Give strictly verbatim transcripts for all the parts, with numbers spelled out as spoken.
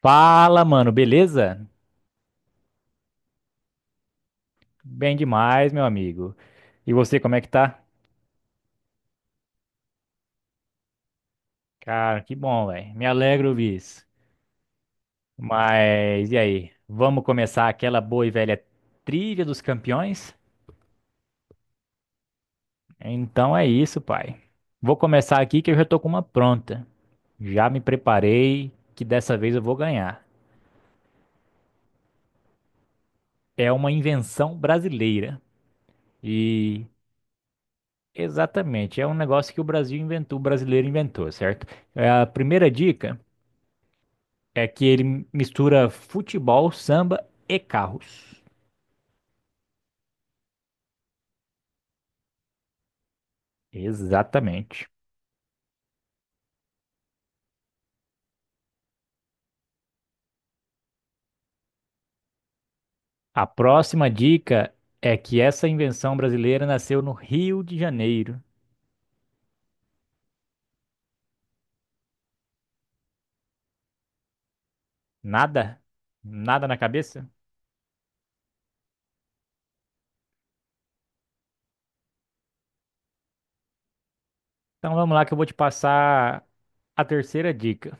Fala, mano, beleza? Bem demais, meu amigo. E você, como é que tá? Cara, que bom, velho. Me alegro ouvir isso. Mas e aí? Vamos começar aquela boa e velha trilha dos campeões? Então é isso, pai. Vou começar aqui que eu já tô com uma pronta. Já me preparei que dessa vez eu vou ganhar. É uma invenção brasileira. E Exatamente, é um negócio que o Brasil inventou, o brasileiro inventou, certo? É a primeira dica. É que ele mistura futebol, samba e carros. Exatamente. A próxima dica é que essa invenção brasileira nasceu no Rio de Janeiro. Nada? Nada na cabeça? Então vamos lá que eu vou te passar a terceira dica.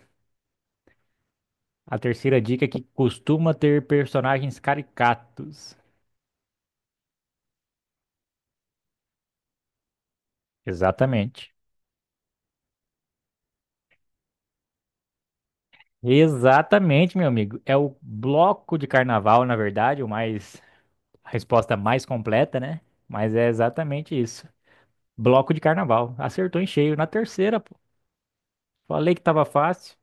A terceira dica é que costuma ter personagens caricatos. Exatamente. Exatamente, meu amigo. É o bloco de carnaval, na verdade, o mais a resposta mais completa, né? Mas é exatamente isso. Bloco de carnaval. Acertou em cheio. Na terceira, pô. Falei que tava fácil.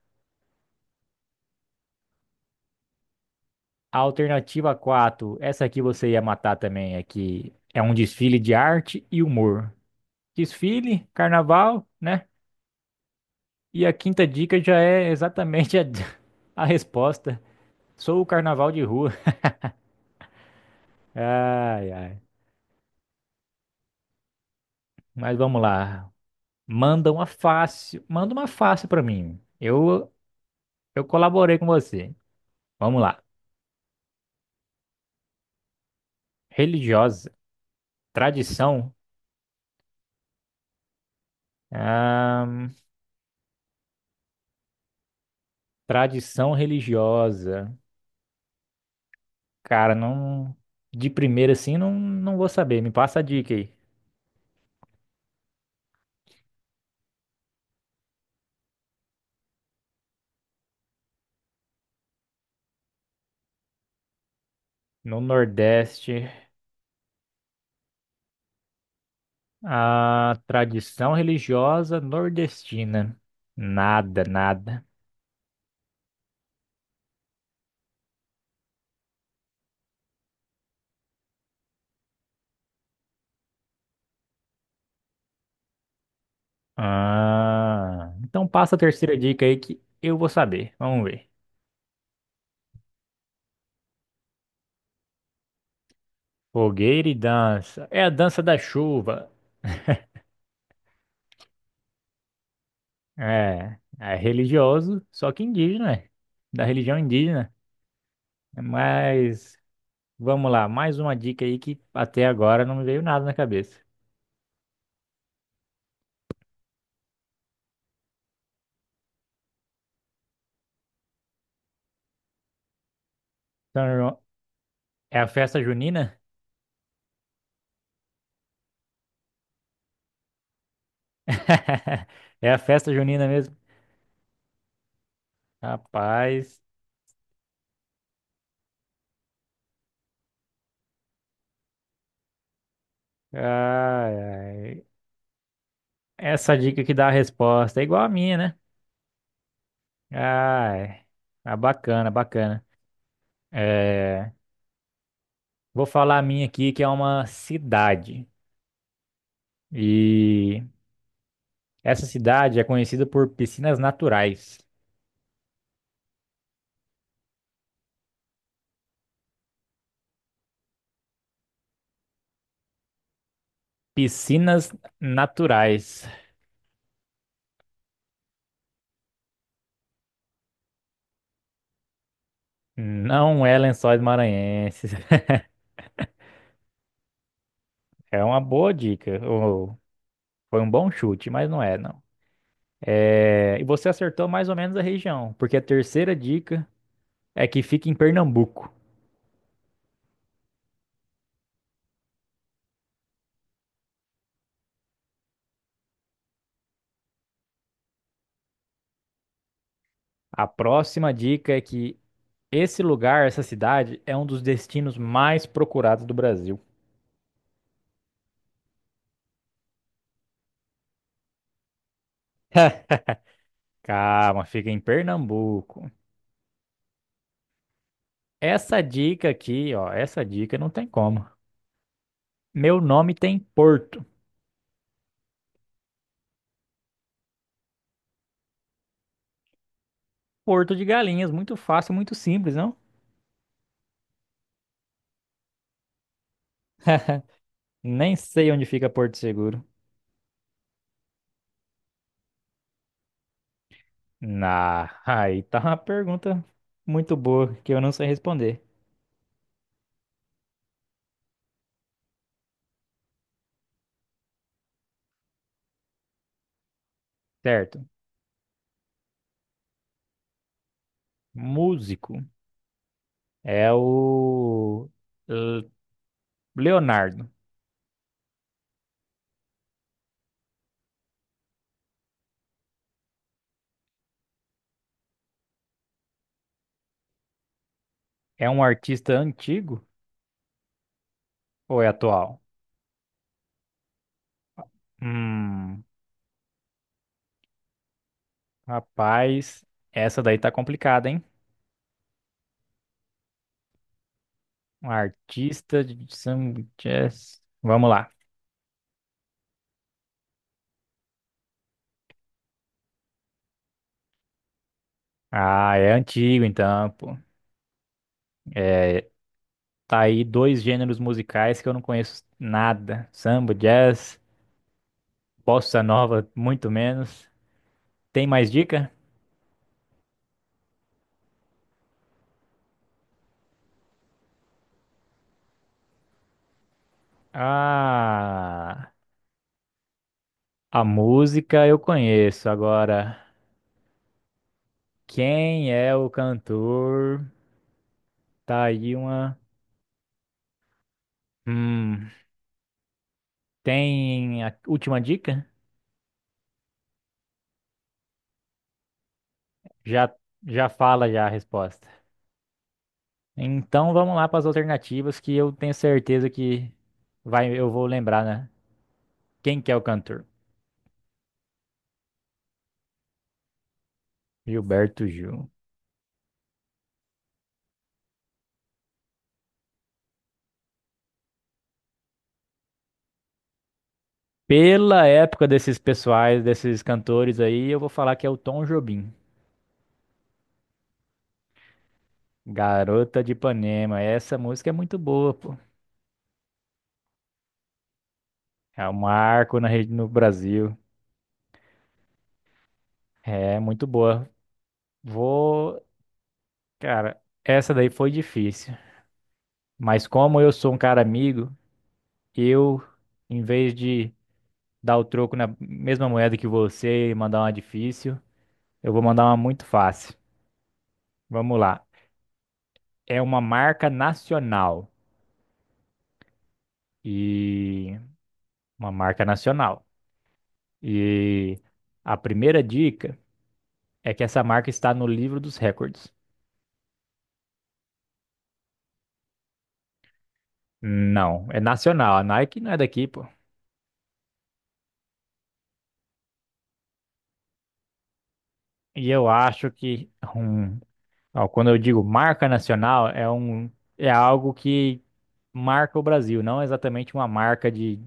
A alternativa quatro. Essa aqui você ia matar também, é que é um desfile de arte e humor. Desfile, carnaval, né? E a quinta dica já é exatamente a, a resposta. Sou o carnaval de rua. Ai, ai. Mas vamos lá. Manda uma fácil. Manda uma fácil pra mim. Eu, eu colaborei com você. Vamos lá. Religiosa. Tradição. Ahn, Tradição religiosa. Cara, não. De primeira assim, não, não vou saber. Me passa a dica aí. No Nordeste. A tradição religiosa nordestina. Nada, nada. Ah, então passa a terceira dica aí que eu vou saber. Vamos ver. Fogueira e dança. É a dança da chuva. É, é religioso, só que indígena, é. Da religião indígena. Mas vamos lá, mais uma dica aí que até agora não me veio nada na cabeça. São João- É a festa junina? É a festa junina mesmo? Rapaz, ai, ai. Essa dica que dá a resposta é igual a minha, né? Ai, ah, bacana, bacana. É, vou falar a minha aqui, que é uma cidade. E essa cidade é conhecida por piscinas naturais. Piscinas naturais. Não é Lençóis Maranhenses. É uma boa dica. Ou Foi um bom chute, mas não é, não. É, E você acertou mais ou menos a região, porque a terceira dica é que fica em Pernambuco. A próxima dica é que esse lugar, essa cidade, é um dos destinos mais procurados do Brasil. Calma, fica em Pernambuco. Essa dica aqui, ó, essa dica não tem como. Meu nome tem Porto. Porto de Galinhas, muito fácil, muito simples, não? Nem sei onde fica Porto Seguro. Na, aí tá uma pergunta muito boa que eu não sei responder. Certo. Músico é o L- Leonardo. É um artista antigo ou é atual? Hum, Rapaz, essa daí tá complicada, hein? Um artista de São Jazz. Vamos lá. Ah, é antigo então, pô. É, tá aí dois gêneros musicais que eu não conheço nada. Samba, jazz. Bossa nova, muito menos. Tem mais dica? Ah, a música eu conheço. Agora, quem é o cantor? Tá aí uma. Hum, Tem a última dica? Já, já fala já a resposta. Então vamos lá para as alternativas que eu tenho certeza que vai, eu vou lembrar, né? Quem que é o cantor? Gilberto Gil. Pela época desses pessoais, desses cantores aí, eu vou falar que é o Tom Jobim. Garota de Ipanema. Essa música é muito boa, pô. É um marco na rede no Brasil. É muito boa. Vou, cara, essa daí foi difícil. Mas como eu sou um cara amigo, eu, em vez de dar o troco na mesma moeda que você e mandar uma difícil, eu vou mandar uma muito fácil. Vamos lá. É uma marca nacional e uma marca nacional. E a primeira dica é que essa marca está no livro dos recordes. Não, é nacional. A Nike não é daqui, pô. E eu acho que um, ó, quando eu digo marca nacional, é um é algo que marca o Brasil, não exatamente uma marca de,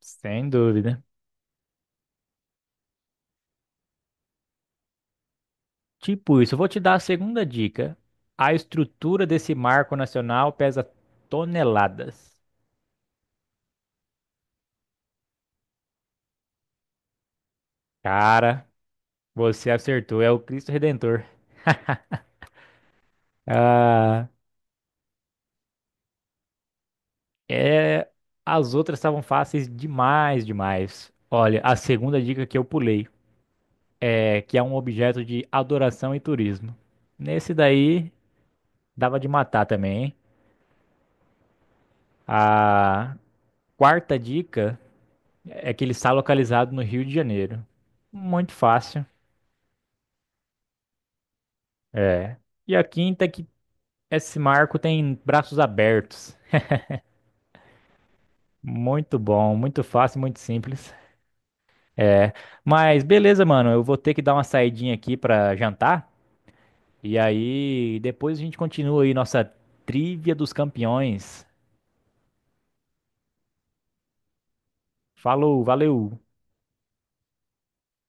sem dúvida. Tipo isso, eu vou te dar a segunda dica. A estrutura desse marco nacional pesa toneladas. Cara, você acertou, é o Cristo Redentor. Ah, é, as outras estavam fáceis demais, demais. Olha, a segunda dica que eu pulei. É, que é um objeto de adoração e turismo. Nesse daí, dava de matar também, hein? A quarta dica é que ele está localizado no Rio de Janeiro. Muito fácil. É. E a quinta é que esse marco tem braços abertos. Muito bom, muito fácil, muito simples. É. Mas beleza, mano, eu vou ter que dar uma saidinha aqui pra jantar. E aí, depois a gente continua aí nossa trivia dos campeões. Falou, valeu!